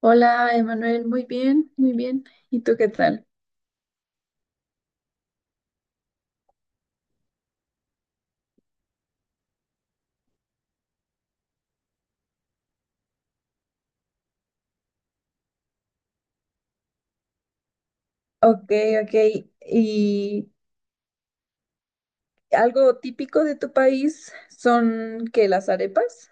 Hola, Emanuel, muy bien, muy bien. ¿Y tú qué tal? Ok, ok. ¿Y algo típico de tu país son que las arepas?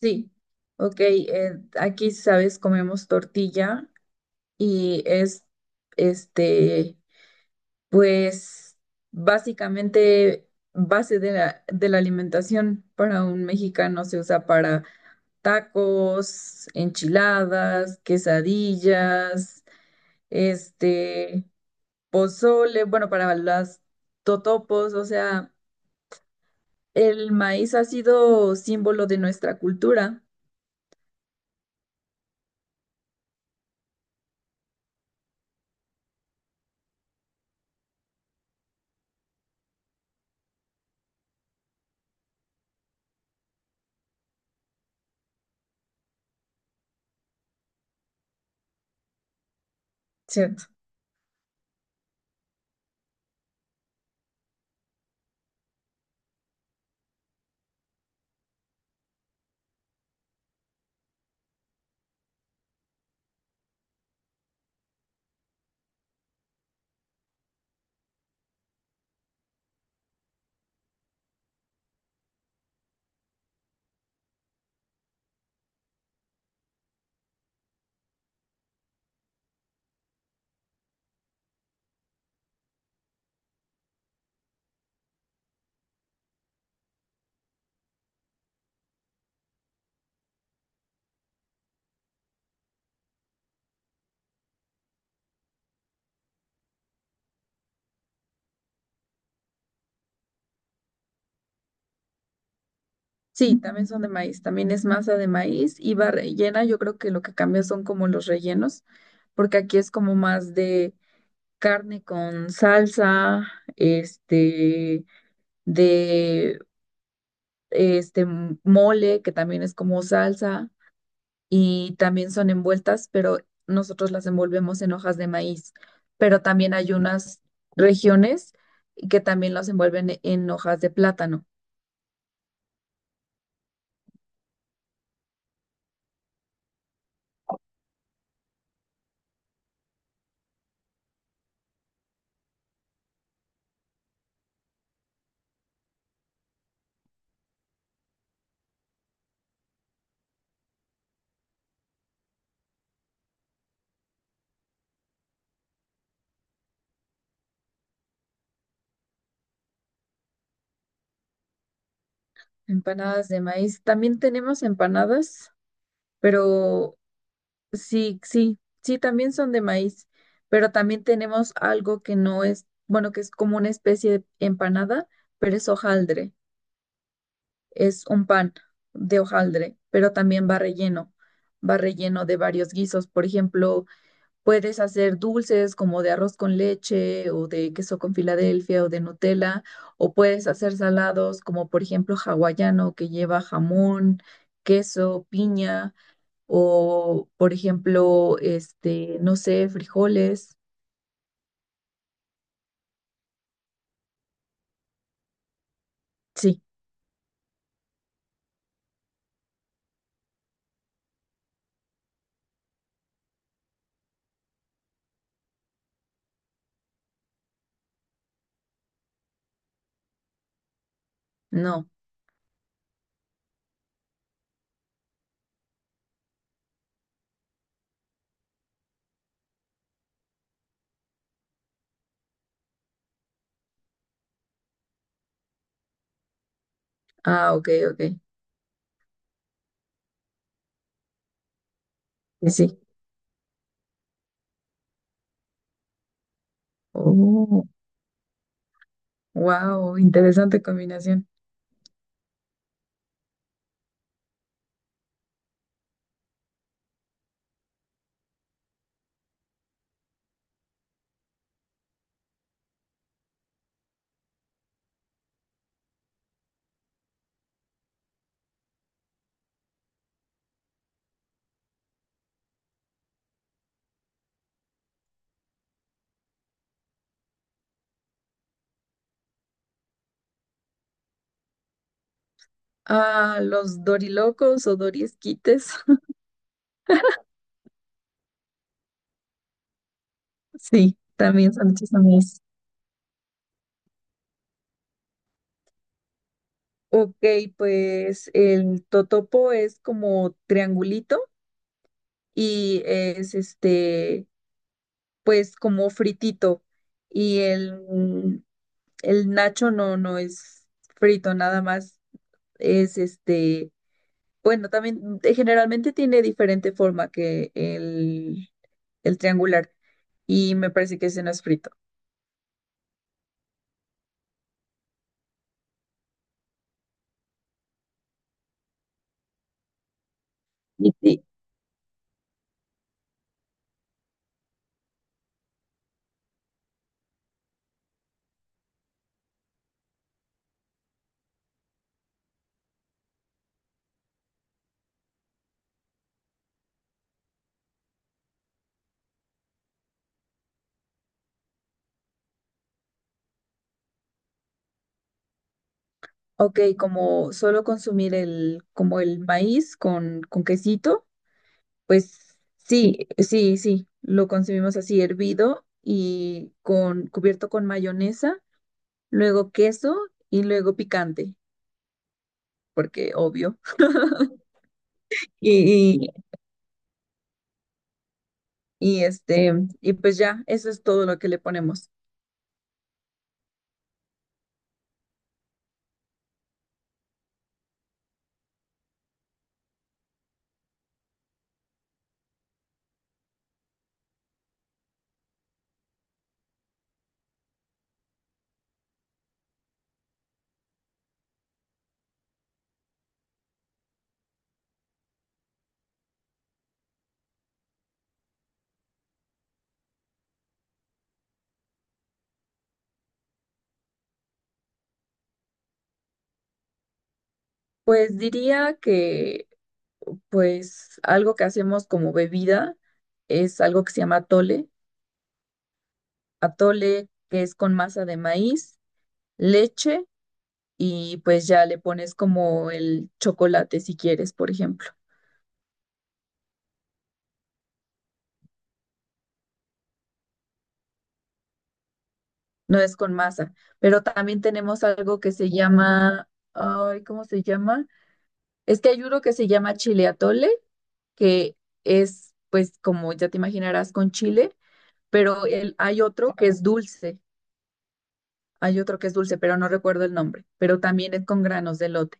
Sí. Ok, aquí, sabes, comemos tortilla y este, pues, básicamente base de de la alimentación para un mexicano se usa para tacos, enchiladas, quesadillas, este... pozole, bueno, para las totopos, o sea, el maíz ha sido símbolo de nuestra cultura, ¿cierto? Sí, también son de maíz, también es masa de maíz y va rellena, yo creo que lo que cambia son como los rellenos, porque aquí es como más de carne con salsa, este, de este mole, que también es como salsa. Y también son envueltas, pero nosotros las envolvemos en hojas de maíz. Pero también hay unas regiones que también las envuelven en hojas de plátano. Empanadas de maíz. También tenemos empanadas, pero sí, sí, sí, también son de maíz. Pero también tenemos algo que no es, bueno, que es como una especie de empanada, pero es hojaldre. Es un pan de hojaldre, pero también va relleno. Va relleno de varios guisos. Por ejemplo, puedes hacer dulces como de arroz con leche o de queso con Filadelfia o de Nutella, o puedes hacer salados como por ejemplo hawaiano que lleva jamón, queso, piña o por ejemplo, no sé, frijoles. Sí, no. Ah, ok, ok. Sí, sí. Oh, wow, interesante combinación. Ah, los dorilocos o doriesquites. Sí, también son hechos a mí. Ok, pues el totopo es como triangulito y es pues como fritito. Y el nacho no es frito, nada más es bueno, también generalmente tiene diferente forma que el triangular y me parece que ese no es frito. Y sí, ok, como solo consumir como el maíz con quesito. Pues sí, sí, sí, lo consumimos así hervido y con cubierto con mayonesa, luego queso y luego picante, porque obvio. Y, y, y, este, y pues ya, eso es todo lo que le ponemos. Pues diría que pues algo que hacemos como bebida es algo que se llama atole, atole que es con masa de maíz, leche y pues ya le pones como el chocolate si quieres, por ejemplo. No es con masa, pero también tenemos algo que se llama, ay, ¿cómo se llama? Es que hay uno que se llama chile atole, que es, pues, como ya te imaginarás, con chile, pero hay otro que es dulce, hay otro que es dulce, pero no recuerdo el nombre, pero también es con granos de elote.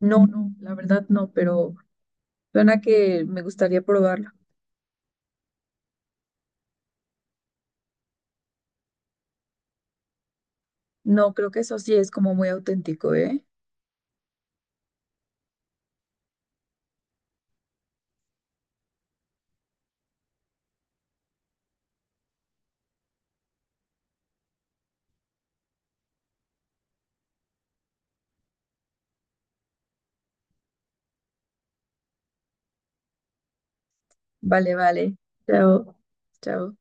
No, no, la verdad no, pero suena que me gustaría probarlo. No, creo que eso sí es como muy auténtico, ¿eh? Vale, vale. Chao, chao.